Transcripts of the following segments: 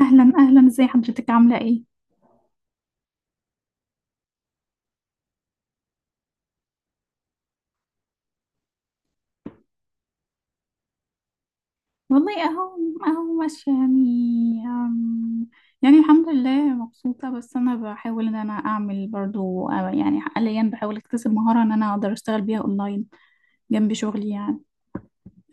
اهلا اهلا، ازي حضرتك؟ عامله ايه؟ والله اهو، اهو ماشيه يعني. يعني الحمد لله مبسوطه. بس انا بحاول ان انا اعمل برضو يعني حاليا بحاول اكتسب مهاره ان انا اقدر اشتغل بيها اونلاين جنب شغلي يعني.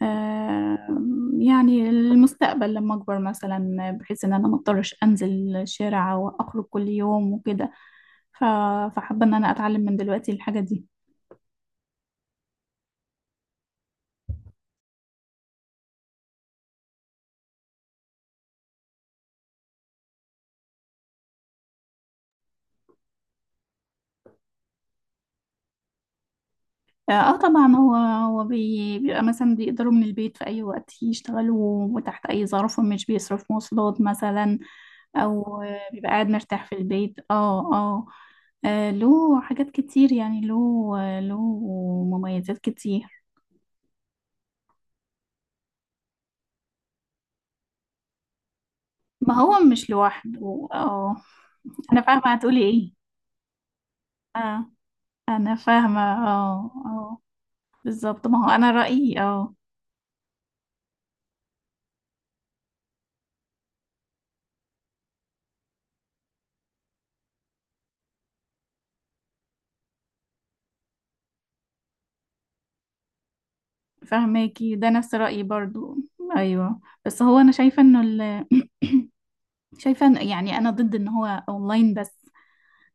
يعني المستقبل لما اكبر مثلا، بحيث ان انا ما اضطرش انزل الشارع واخرج كل يوم وكده. ف- فحابه ان انا اتعلم من دلوقتي الحاجه دي. اه طبعا، هو بيبقى مثلا بيقدروا من البيت في اي وقت يشتغلوا وتحت اي ظرف، ومش بيصرف مواصلات مثلا. او بيبقى قاعد مرتاح في البيت، اه اه. له حاجات كتير يعني، له له مميزات كتير. ما هو مش لوحده اه. انا فاهمة هتقولي ايه. اه انا فاهمة، اه اه. بالظبط، ما هو انا رأيي اه. فاهماكي، ده نفس رأيي برضو. ايوه، بس هو انا شايفة انه ال... شايفة يعني أنا ضد إن هو أونلاين بس،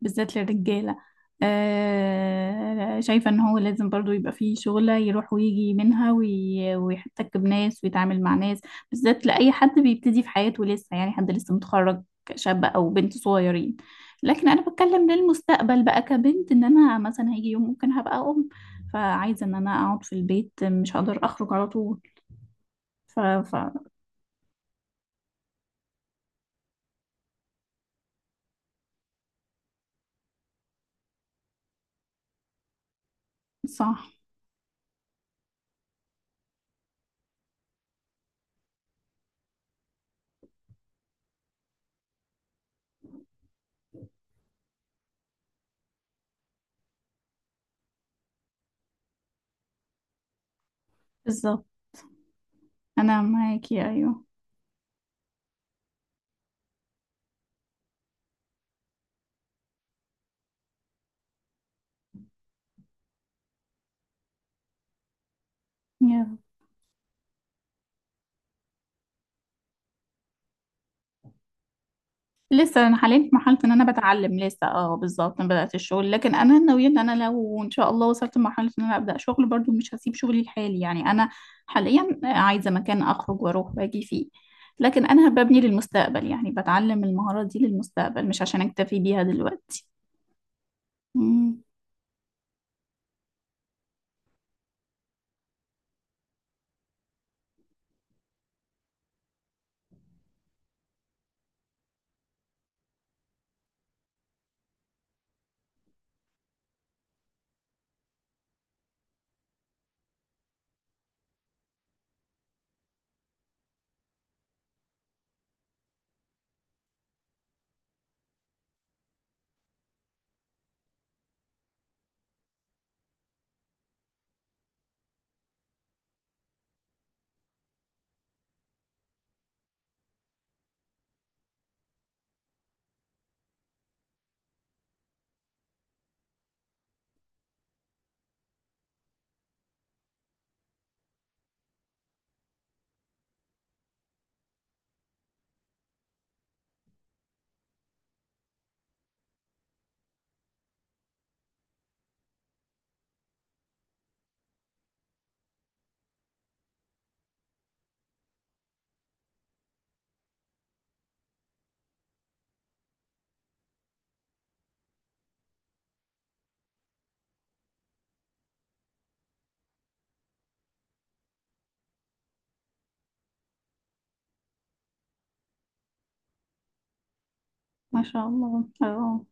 بالذات للرجالة. آه شايفة إن هو لازم برضو يبقى فيه شغلة يروح ويجي منها، ويحتك بناس ويتعامل مع ناس، بالذات لأي حد بيبتدي في حياته لسه يعني، حد لسه متخرج، شاب أو بنت صغيرين. لكن أنا بتكلم للمستقبل بقى كبنت، إن أنا مثلا هيجي يوم ممكن هبقى أم، فعايزة إن أنا أقعد في البيت مش هقدر أخرج على طول. ف... ف... صح، بالظبط. أنا معاكي، أيوه. يلا. لسه انا حاليا في مرحله ان انا بتعلم لسه، اه بالظبط، ما بدات الشغل. لكن انا ناويه ان انا لو ان شاء الله وصلت لمرحله ان انا ابدا شغل برضو، مش هسيب شغلي الحالي يعني. انا حاليا عايزه مكان اخرج واروح واجي فيه، لكن انا ببني للمستقبل يعني، بتعلم المهارات دي للمستقبل مش عشان اكتفي بيها دلوقتي. امم. ما شاء الله، اه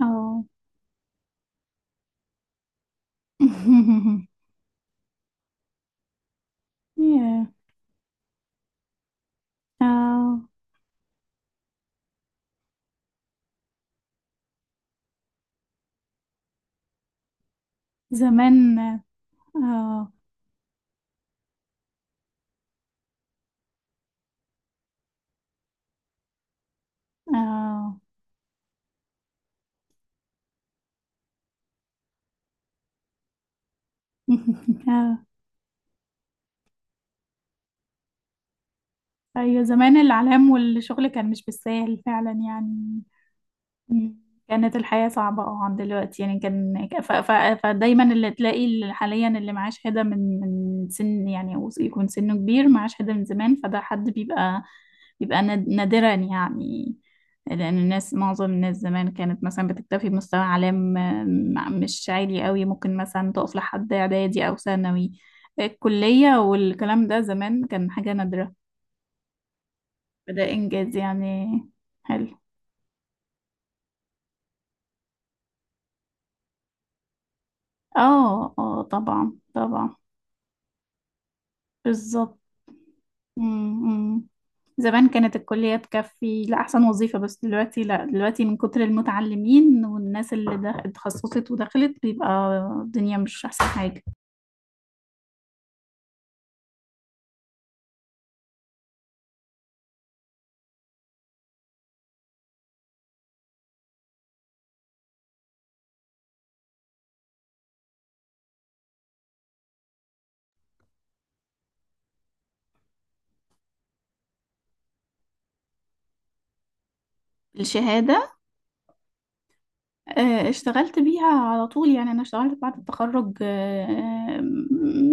اه. ياه. اه زمان، اه اه. اه أيوة، زمان الإعلام والشغل كان مش بالساهل فعلا يعني. م. كانت الحياة صعبة اه عن دلوقتي يعني، كان فدايما اللي تلاقي، اللي حاليا اللي معاه شهادة من سن يعني، أو يكون سنه كبير معاه شهادة من زمان، فده حد بيبقى بيبقى نادرا يعني. لأن الناس، معظم الناس زمان كانت مثلا بتكتفي بمستوى إعلام مش عالي قوي. ممكن مثلا تقف لحد إعدادي أو ثانوي. الكلية والكلام ده زمان كان حاجة نادرة، ده إنجاز يعني. حلو. اه اه طبعا طبعا. بالظبط. أمم. زمان كانت الكلية تكفي لأحسن وظيفة، بس دلوقتي لا. دلوقتي من كتر المتعلمين والناس اللي اتخصصت ودخلت، بيبقى الدنيا مش أحسن حاجة. الشهادة، اشتغلت بيها على طول يعني. أنا اشتغلت بعد التخرج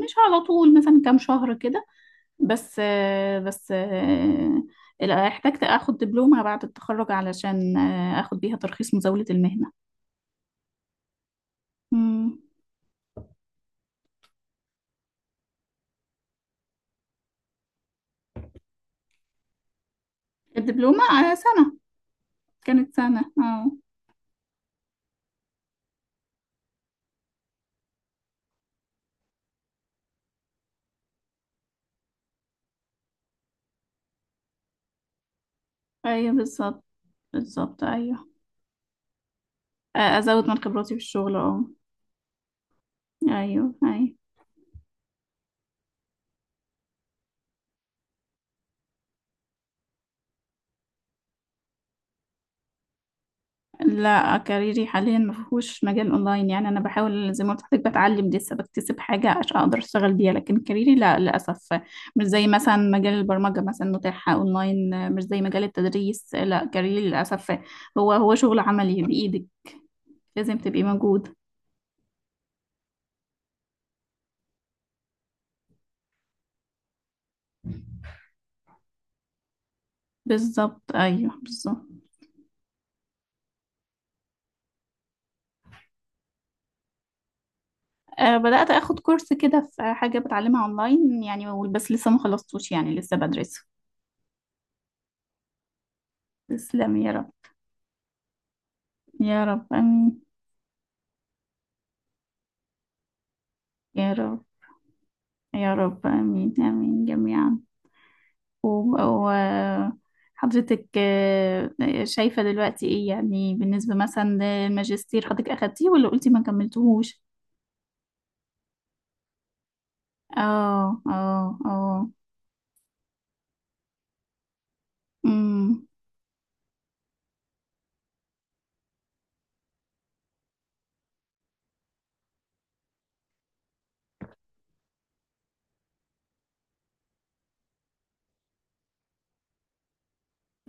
مش على طول، مثلا كام شهر كده بس. لا، احتجت اخد دبلومة بعد التخرج علشان اخد بيها ترخيص مزاولة المهنة. مم. الدبلومة، آه، سنة. كانت سنة اه. ايوه بالظبط. بالظبط ايوه. ازود من خبراتي في الشغل اه. ايوه ايوه. لا، كاريري حاليا ما فيهوش مجال اونلاين يعني. انا بحاول زي ما قلت لحضرتك، بتعلم لسه، بكتسب حاجه عشان اقدر اشتغل بيها. لكن كاريري لا للاسف، مش زي مثلا مجال البرمجه مثلا متاح اونلاين، مش زي مجال التدريس. لا كاريري للاسف، هو شغل عملي بايدك، لازم تبقي موجود. بالظبط ايوه بالظبط. أه بدات اخد كورس كده في حاجه بتعلمها اونلاين يعني، بس لسه ما خلصتوش يعني، لسه بدرسه. تسلم يا رب. يا رب امين. يا رب. يا رب آمين، آمين جميعا. وحضرتك شايفة دلوقتي ايه يعني بالنسبة مثلا للماجستير؟ حضرتك اخدتيه ولا قلتي ما كملتهوش؟ اه اه اه. امم.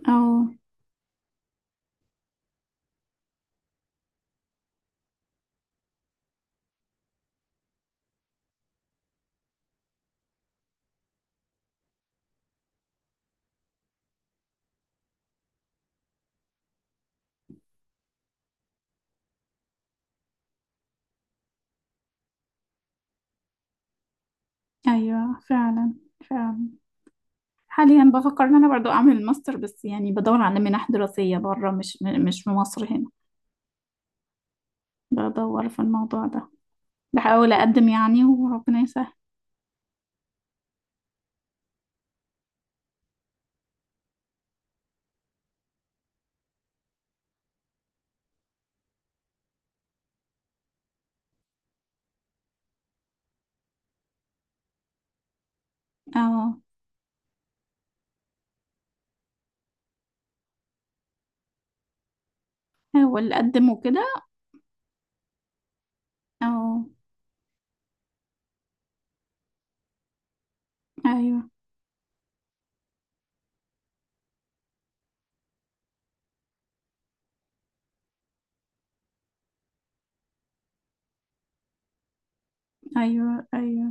اه ايوه فعلا. فعلا. حاليا بفكر ان انا برضو اعمل ماستر، بس يعني بدور على منح دراسية بره، مش مش في مصر هنا. بدور في الموضوع ده، بحاول اقدم يعني وربنا يسهل. اه. احاول اقدم وكده. اه. ايوه ايوه ايوه.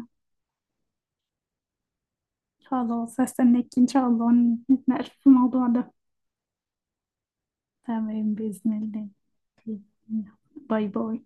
خلاص هستناك ان شاء الله، نتناقش في الموضوع ده. تمام بإذن الله. باي باي.